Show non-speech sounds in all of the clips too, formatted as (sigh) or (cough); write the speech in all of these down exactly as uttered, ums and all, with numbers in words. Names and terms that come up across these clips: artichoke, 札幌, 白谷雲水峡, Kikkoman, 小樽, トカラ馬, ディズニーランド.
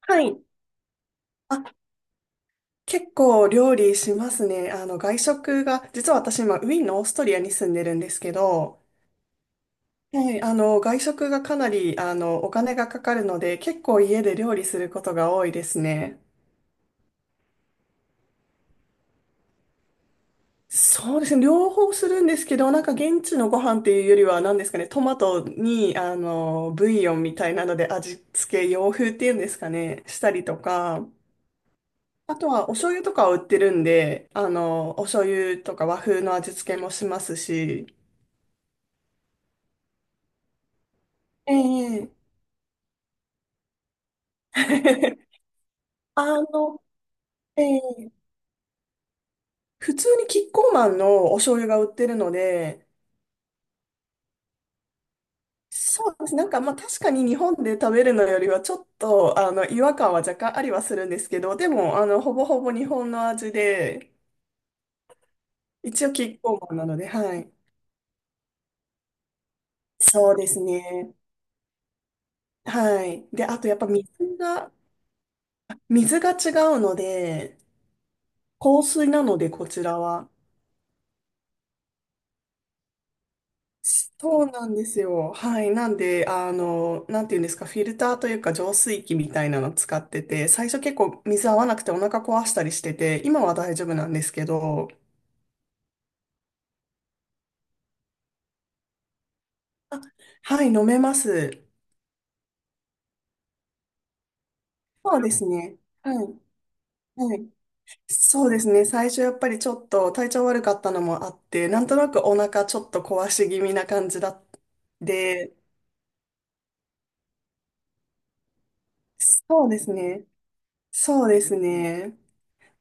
はい。あ、結構料理しますね。あの、外食が、実は私今、ウィーンのオーストリアに住んでるんですけど、はい、あの、外食がかなり、あの、お金がかかるので、結構家で料理することが多いですね。そうですね。両方するんですけど、なんか現地のご飯っていうよりは、何ですかね、トマトに、あの、ブイヨンみたいなので味付け、洋風っていうんですかね、したりとか、あとはお醤油とかを売ってるんで、あの、お醤油とか和風の味付けもしますし、ええ。 (laughs) あの、ええ、普通にキッコーマンのお醤油が売ってるので、そうです。なんかまあ確かに日本で食べるのよりはちょっとあの違和感は若干ありはするんですけど、でもあのほぼほぼ日本の味で、一応キッコーマンなので、はい。そうですね。はい。で、あとやっぱ水が、水が違うので、硬水なのでこちらは。そうなんですよ。はい。なんで、あの、なんていうんですか、フィルターというか浄水器みたいなの使ってて、最初結構水合わなくてお腹壊したりしてて、今は大丈夫なんですけど、あ、はい、飲めます。そうですね。はい。はい。そうですね。最初やっぱりちょっと体調悪かったのもあって、なんとなくお腹ちょっと壊し気味な感じだっで、そうですね。そうですね。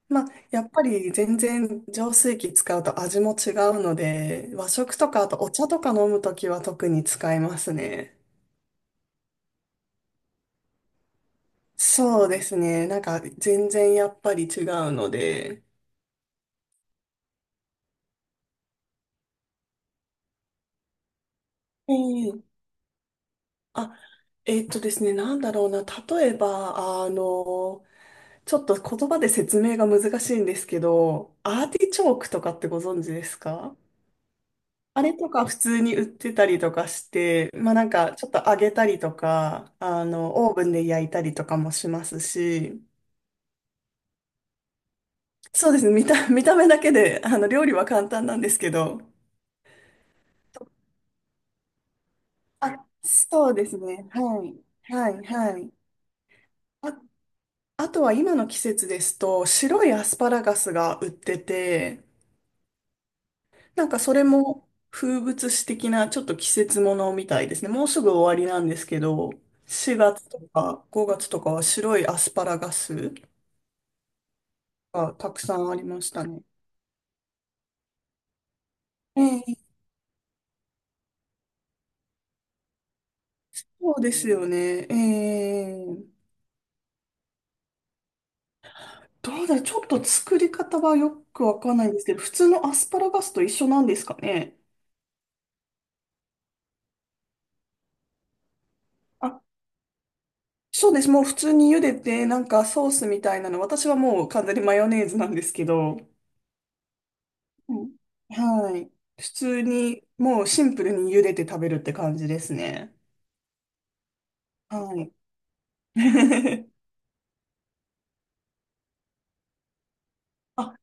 まあ、やっぱり全然浄水器使うと味も違うので、和食とかあとお茶とか飲むときは特に使いますね。そうですね。なんか全然やっぱり違うので。ええ、あ、えーっとですね、なんだろうな。例えば、あの、ちょっと言葉で説明が難しいんですけど、アーティチョークとかってご存知ですか？あれとか普通に売ってたりとかして、まあなんかちょっと揚げたりとか、あの、オーブンで焼いたりとかもしますし、そうですね、見た、(laughs) 見た目だけで、あの、料理は簡単なんですけど、あ、そうですね、はい、はい、はい。あ、あとは今の季節ですと、白いアスパラガスが売ってて、なんかそれも風物詩的なちょっと季節ものみたいですね。もうすぐ終わりなんですけど、しがつとかごがつとかは白いアスパラガスがたくさんありましたね。ええ、そうですよね。ええ、どうだちょっと作り方はよくわかんないんですけど、普通のアスパラガスと一緒なんですかね。あ、そうです。もう普通に茹でて、なんかソースみたいなの、私はもう完全にマヨネーズなんですけど、うん、はい。普通に、もうシンプルに茹でて食べるって感じですね。はい。(laughs) あ、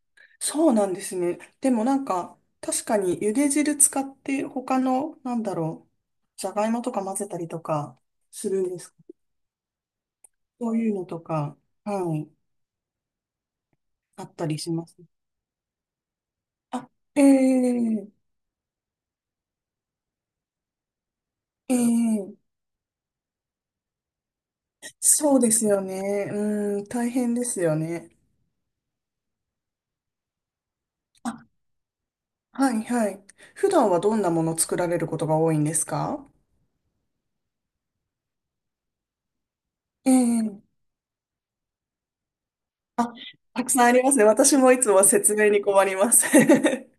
そうなんですね。でもなんか、確かに茹で汁使って他の、なんだろう、じゃがいもとか混ぜたりとかするんですか？そういうのとか、はい、あったりします。あ、ええ、ええ、そうですよね。うん、大変ですよね。あ、はい、はい。普段はどんなもの作られることが多いんですか？ええ、あ、たくさんありますね。私もいつも説明に困ります。(laughs)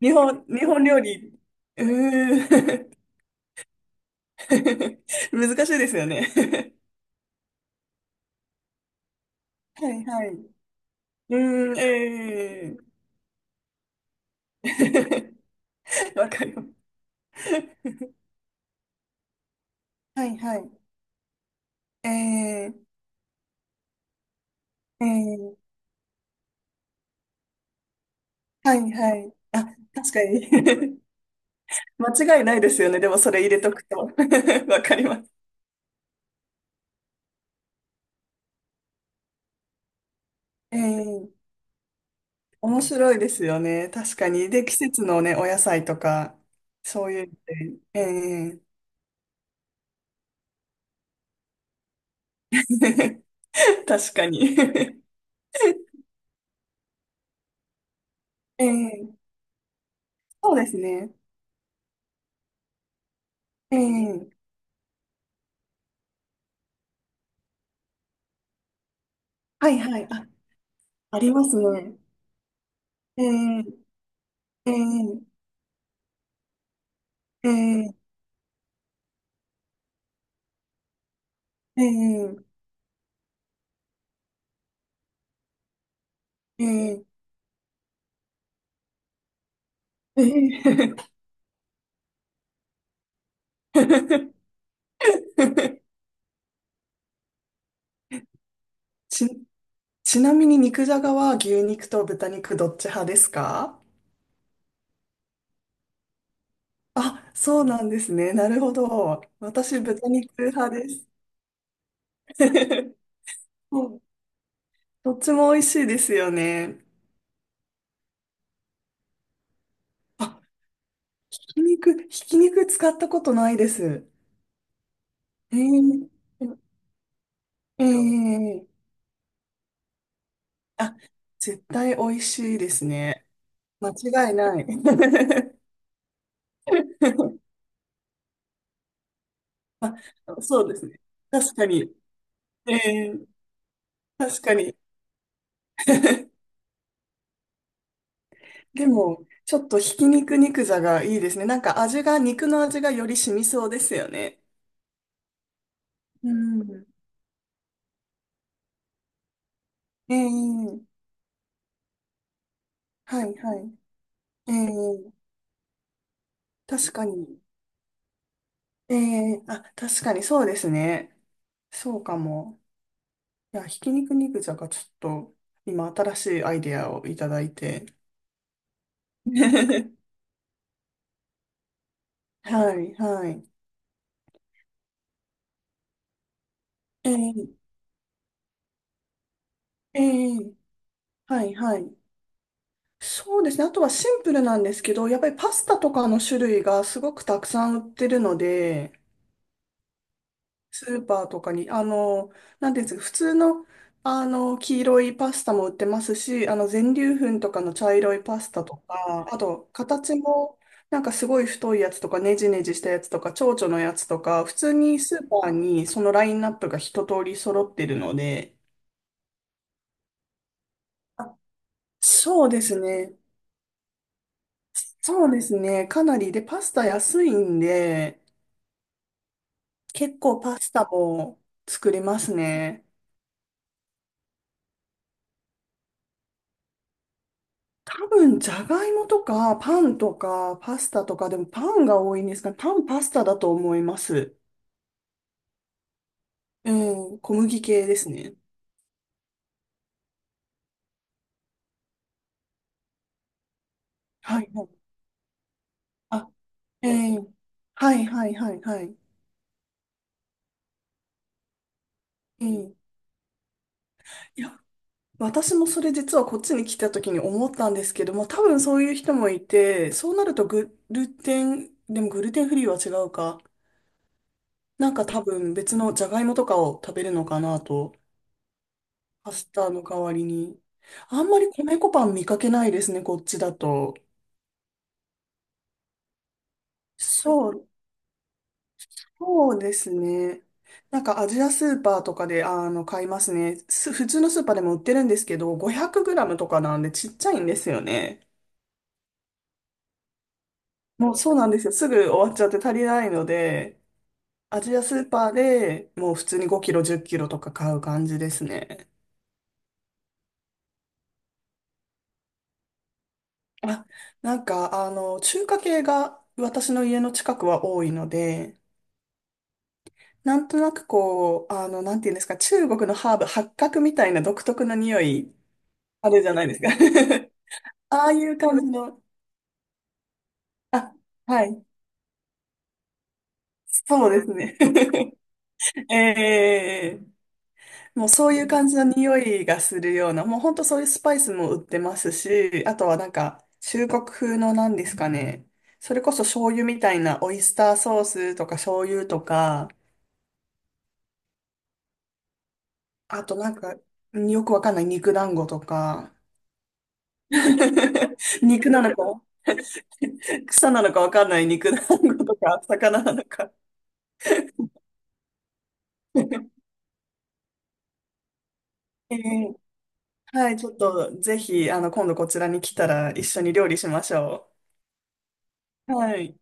日本、日本料理、うーん。 (laughs) 難しいですよね。(laughs) はい、はい。うーん、ええ。 (laughs) わかります。はい、はい。ええ、ええ、はい、はい。あ、確かに。(laughs) 間違いないですよね。でもそれ入れとくと。(laughs) わかります。ええ。面白いですよね。確かに。で、季節のね、お野菜とか、そういうので、ええ。 (laughs) 確かに。 (laughs) ええ、そうですね。ええ、はい、はい。あ、ありますね。ええ、ええ、ええ、ええ、ええ、ええ。 (laughs) ち、ちなみに肉じゃがは牛肉と豚肉どっち派ですか？あ、そうなんですね。なるほど。私、豚肉派です。(laughs) そう、どっちも美味しいですよね。あ、ひき肉、ひき肉使ったことないです。えー、えー、あ、絶対美味しいですね。間違いない。(laughs) あ、そうですね。確かに。えー、確かに。(laughs) でも、ちょっとひき肉肉座がいいですね。なんか味が、肉の味がより染みそうですよね。うん。ええ、はい、はい。ええ、確かに。ええ、あ、確かにそうですね。そうかも。いや、ひき肉肉じゃがちょっと、今新しいアイデアをいただいて。(laughs) はい、はい。ええ、ええ、はい、はい。そうですね。あとはシンプルなんですけど、やっぱりパスタとかの種類がすごくたくさん売ってるので、スーパーとかに、あの、なんていうんですか、普通の、あの、黄色いパスタも売ってますし、あの、全粒粉とかの茶色いパスタとか、あと、形も、なんかすごい太いやつとか、ねじねじしたやつとか、蝶々のやつとか、普通にスーパーにそのラインナップが一通り揃ってるので、あ、そうですね。そうですね。かなり。で、パスタ安いんで、結構パスタも作れますね。多分、じゃがいもとか、パンとか、パスタとか、でもパンが多いんですかね。パン、パスタだと思います。えー、小麦系ですね。はい、はい。あ、えー、はい、はい、はい、はい。えー、いや、私もそれ実はこっちに来た時に思ったんですけども、多分そういう人もいて、そうなるとグルテン、でもグルテンフリーは違うか。なんか多分別のじゃがいもとかを食べるのかなと。パスタの代わりに。あんまり米粉パン見かけないですね、こっちだと。そう、そうですね。なんかアジアスーパーとかで、あの、買いますね。す普通のスーパーでも売ってるんですけど、ごひゃくグラムとかなんでちっちゃいんですよね。もうそうなんですよ。すぐ終わっちゃって足りないので、アジアスーパーでもう普通にごキロ、じゅっキロとか買う感じですね。あ、なんか、あの、中華系が私の家の近くは多いので、なんとなくこう、あの、なんていうんですか、中国のハーブ、八角みたいな独特の匂い、あるじゃないですか。(laughs) ああいう感じの、あ、はい、そうですね。(laughs) ええ、もうそういう感じの匂いがするような、もう本当そういうスパイスも売ってますし、あとはなんか、中国風のなんですかね、それこそ醤油みたいなオイスターソースとか醤油とか、あとなんか、よくわかんない肉団子とか、(laughs) 肉なのか、 (laughs) 草なのかわかんない肉団子とか魚なのか。ええ、はい、ちょっとぜひ、あの、今度こちらに来たら一緒に料理しましょう。はい。